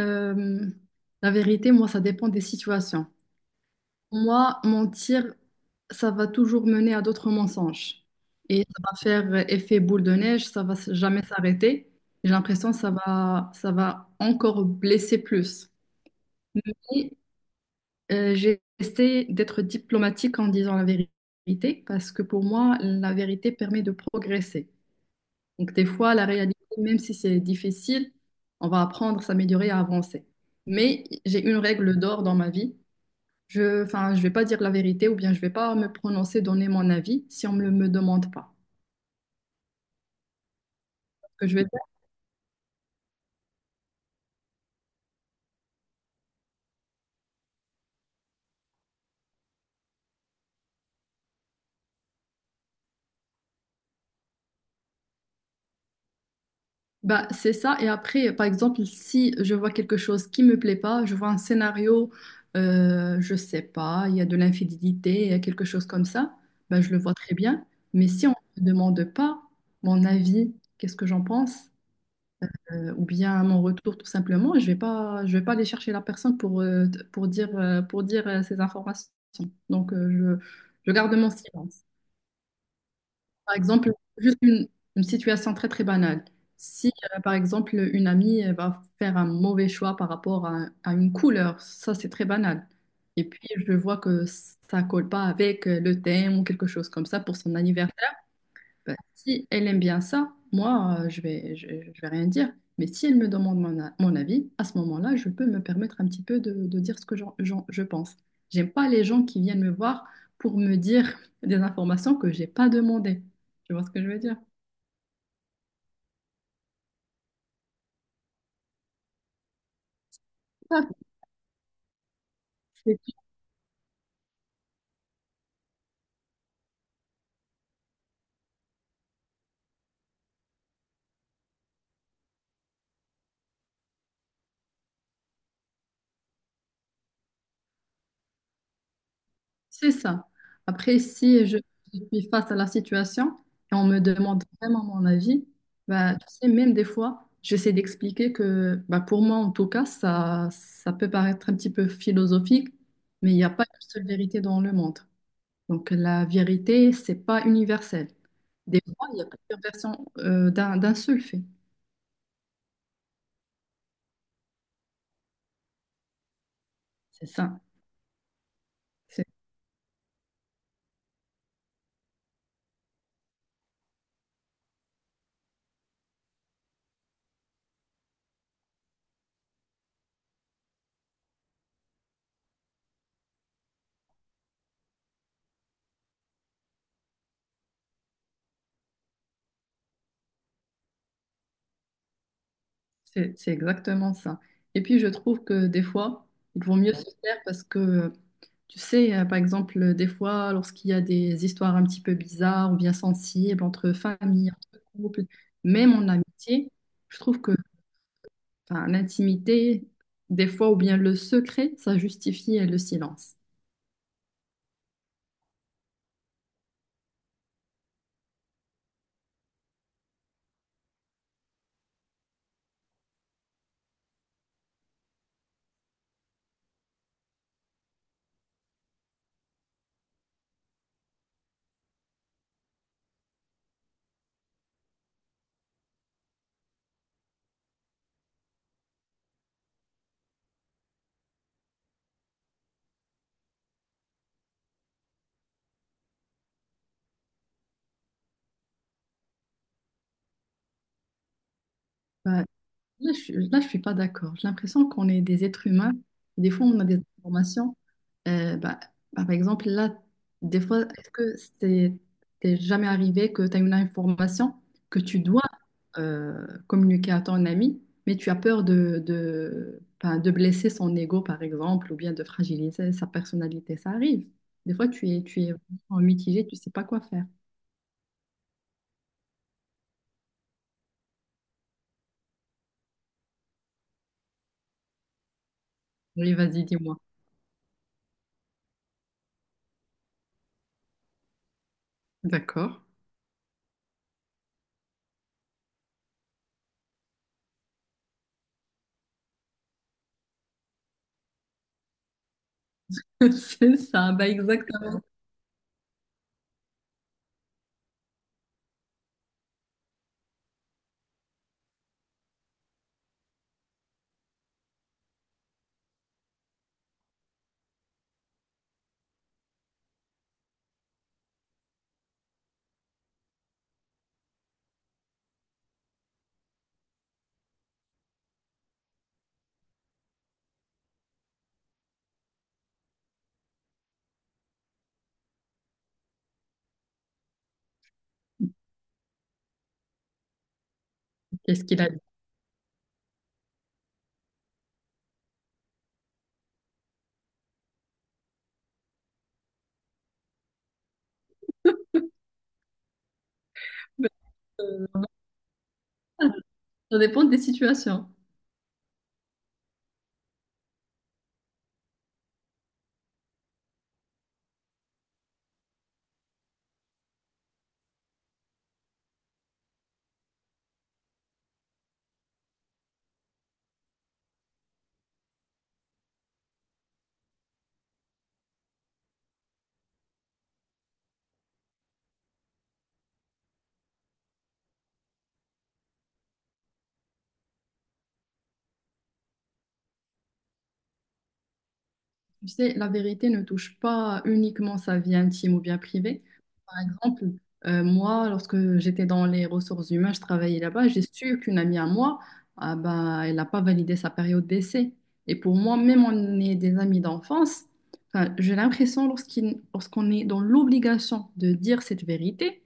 Euh, la vérité, moi, ça dépend des situations. Moi, mentir, ça va toujours mener à d'autres mensonges. Et ça va faire effet boule de neige, ça va jamais s'arrêter. J'ai l'impression que ça va encore blesser plus. Mais j'essaie d'être diplomatique en disant la vérité, parce que pour moi, la vérité permet de progresser. Donc, des fois, la réalité, même si c'est difficile, on va apprendre à s'améliorer, à avancer. Mais j'ai une règle d'or dans ma vie. Enfin, je vais pas dire la vérité ou bien je vais pas me prononcer, donner mon avis si on me demande pas. Ce que je vais faire, bah, c'est ça. Et après, par exemple, si je vois quelque chose qui me plaît pas, je vois un scénario, je sais pas, il y a de l'infidélité, il y a quelque chose comme ça, bah, je le vois très bien. Mais si on me demande pas mon avis, qu'est-ce que j'en pense? Ou bien à mon retour tout simplement, et je vais pas aller chercher la personne pour dire ces informations. Donc, je garde mon silence. Par exemple, juste une, une situation très très banale. Si, par exemple, une amie elle va faire un mauvais choix par rapport à une couleur, ça c'est très banal. Et puis, je vois que ça colle pas avec le thème ou quelque chose comme ça pour son anniversaire. Bah, si elle aime bien ça, moi, je vais rien dire. Mais si elle me demande mon avis, à ce moment-là, je peux me permettre un petit peu de dire ce que je pense. J'aime pas les gens qui viennent me voir pour me dire des informations que j'ai pas demandées. Tu vois ce que je veux dire? Ah, c'est ça. Après, si je suis face à la situation et on me demande vraiment mon avis, bah, tu sais, même des fois, j'essaie d'expliquer que bah, pour moi, en tout cas, ça peut paraître un petit peu philosophique, mais il n'y a pas une seule vérité dans le monde. Donc, la vérité, c'est pas universel. Des fois, il y a plusieurs versions d'un seul fait. C'est ça. C'est c'est exactement ça. Et puis, je trouve que des fois, il vaut mieux se taire parce que tu sais, par exemple, des fois, lorsqu'il y a des histoires un petit peu bizarres ou bien sensibles entre famille, entre couple, même en amitié, je trouve que enfin, l'intimité, des fois, ou bien le secret, ça justifie le silence. Bah, là, je suis pas d'accord. J'ai l'impression qu'on est des êtres humains. Des fois, on a des informations. Euh, bah, bah, par exemple, là, des fois, est-ce que c'est t'es jamais arrivé que tu as une information que tu dois communiquer à ton ami, mais tu as peur enfin, de blesser son ego, par exemple, ou bien de fragiliser sa personnalité. Ça arrive. Des fois, tu es en mitigé, tu sais pas quoi faire. Oui, vas-y, dis-moi. D'accord. C'est ça, bah exactement. Qu'est-ce qu'il a dit? Euh, Ça dépend des situations. Tu sais, la vérité ne touche pas uniquement sa vie intime ou bien privée. Par exemple, moi, lorsque j'étais dans les ressources humaines, je travaillais là-bas, j'ai su qu'une amie à moi, ah bah, elle n'a pas validé sa période d'essai. Et pour moi, même on est des amis d'enfance, enfin, j'ai l'impression lorsqu'on est dans l'obligation de dire cette vérité,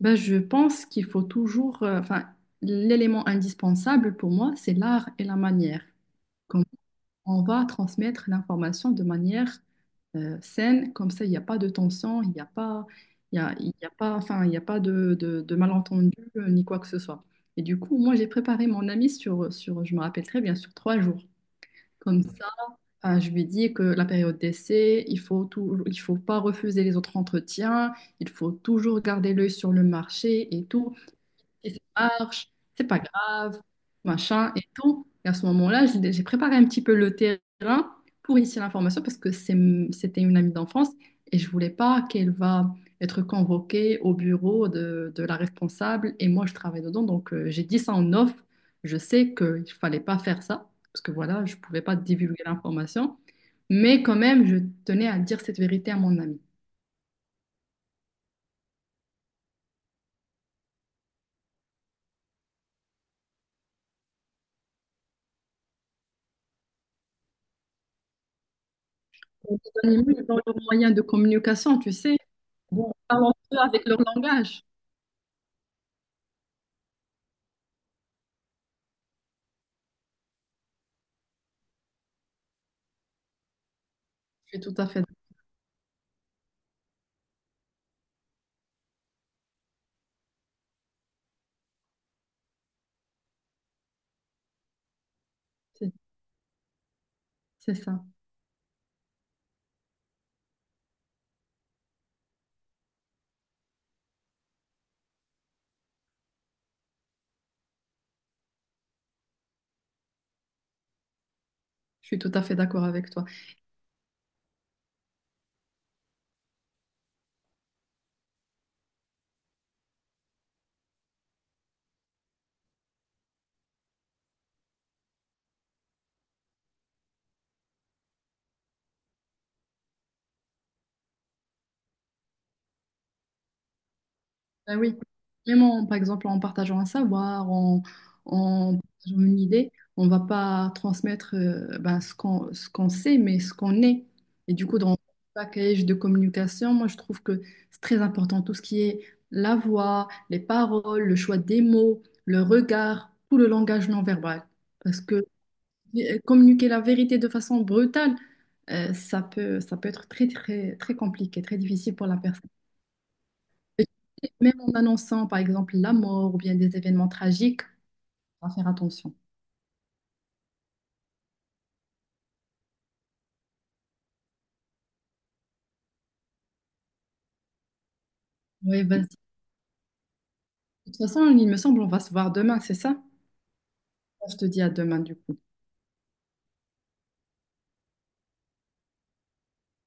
ben, je pense qu'il faut toujours, enfin, l'élément indispensable pour moi, c'est l'art et la manière. Comme on va transmettre l'information de manière saine, comme ça il n'y a pas de tension, il n'y a pas, il y a pas, enfin, il n'y a pas de malentendu ni quoi que ce soit. Et du coup, moi j'ai préparé mon ami je me rappelle très bien, sur 3 jours. Comme ça, je lui ai dit que la période d'essai, il faut pas refuser les autres entretiens, il faut toujours garder l'œil sur le marché et tout et ça marche, c'est pas grave, machin et tout. Et à ce moment-là, j'ai préparé un petit peu le terrain pour initier l'information parce que c'est, c'était une amie d'enfance et je voulais pas qu'elle va être convoquée au bureau de la responsable et moi je travaille dedans. Donc j'ai dit ça en off. Je sais qu'il fallait pas faire ça parce que voilà, je pouvais pas divulguer l'information. Mais quand même, je tenais à dire cette vérité à mon ami. Les animaux, ils ont leurs moyens de communication, tu sais. Bon, talentueux avec leur langage. Je suis tout à fait, c'est c'est ça. Je suis tout à fait d'accord avec toi. Ben oui, par exemple en partageant un savoir, en, en partageant une idée, on ne va pas transmettre ben, ce qu'on sait, mais ce qu'on est. Et du coup, dans le package de communication, moi je trouve que c'est très important tout ce qui est la voix, les paroles, le choix des mots, le regard, tout le langage non verbal. Parce que communiquer la vérité de façon brutale, ça peut être très, très, très compliqué, très difficile pour la personne. Et même en annonçant, par exemple, la mort ou bien des événements tragiques, on va faire attention. Oui, vas-y. De toute façon, il me semble, on va se voir demain, c'est ça? Je te dis à demain, du coup.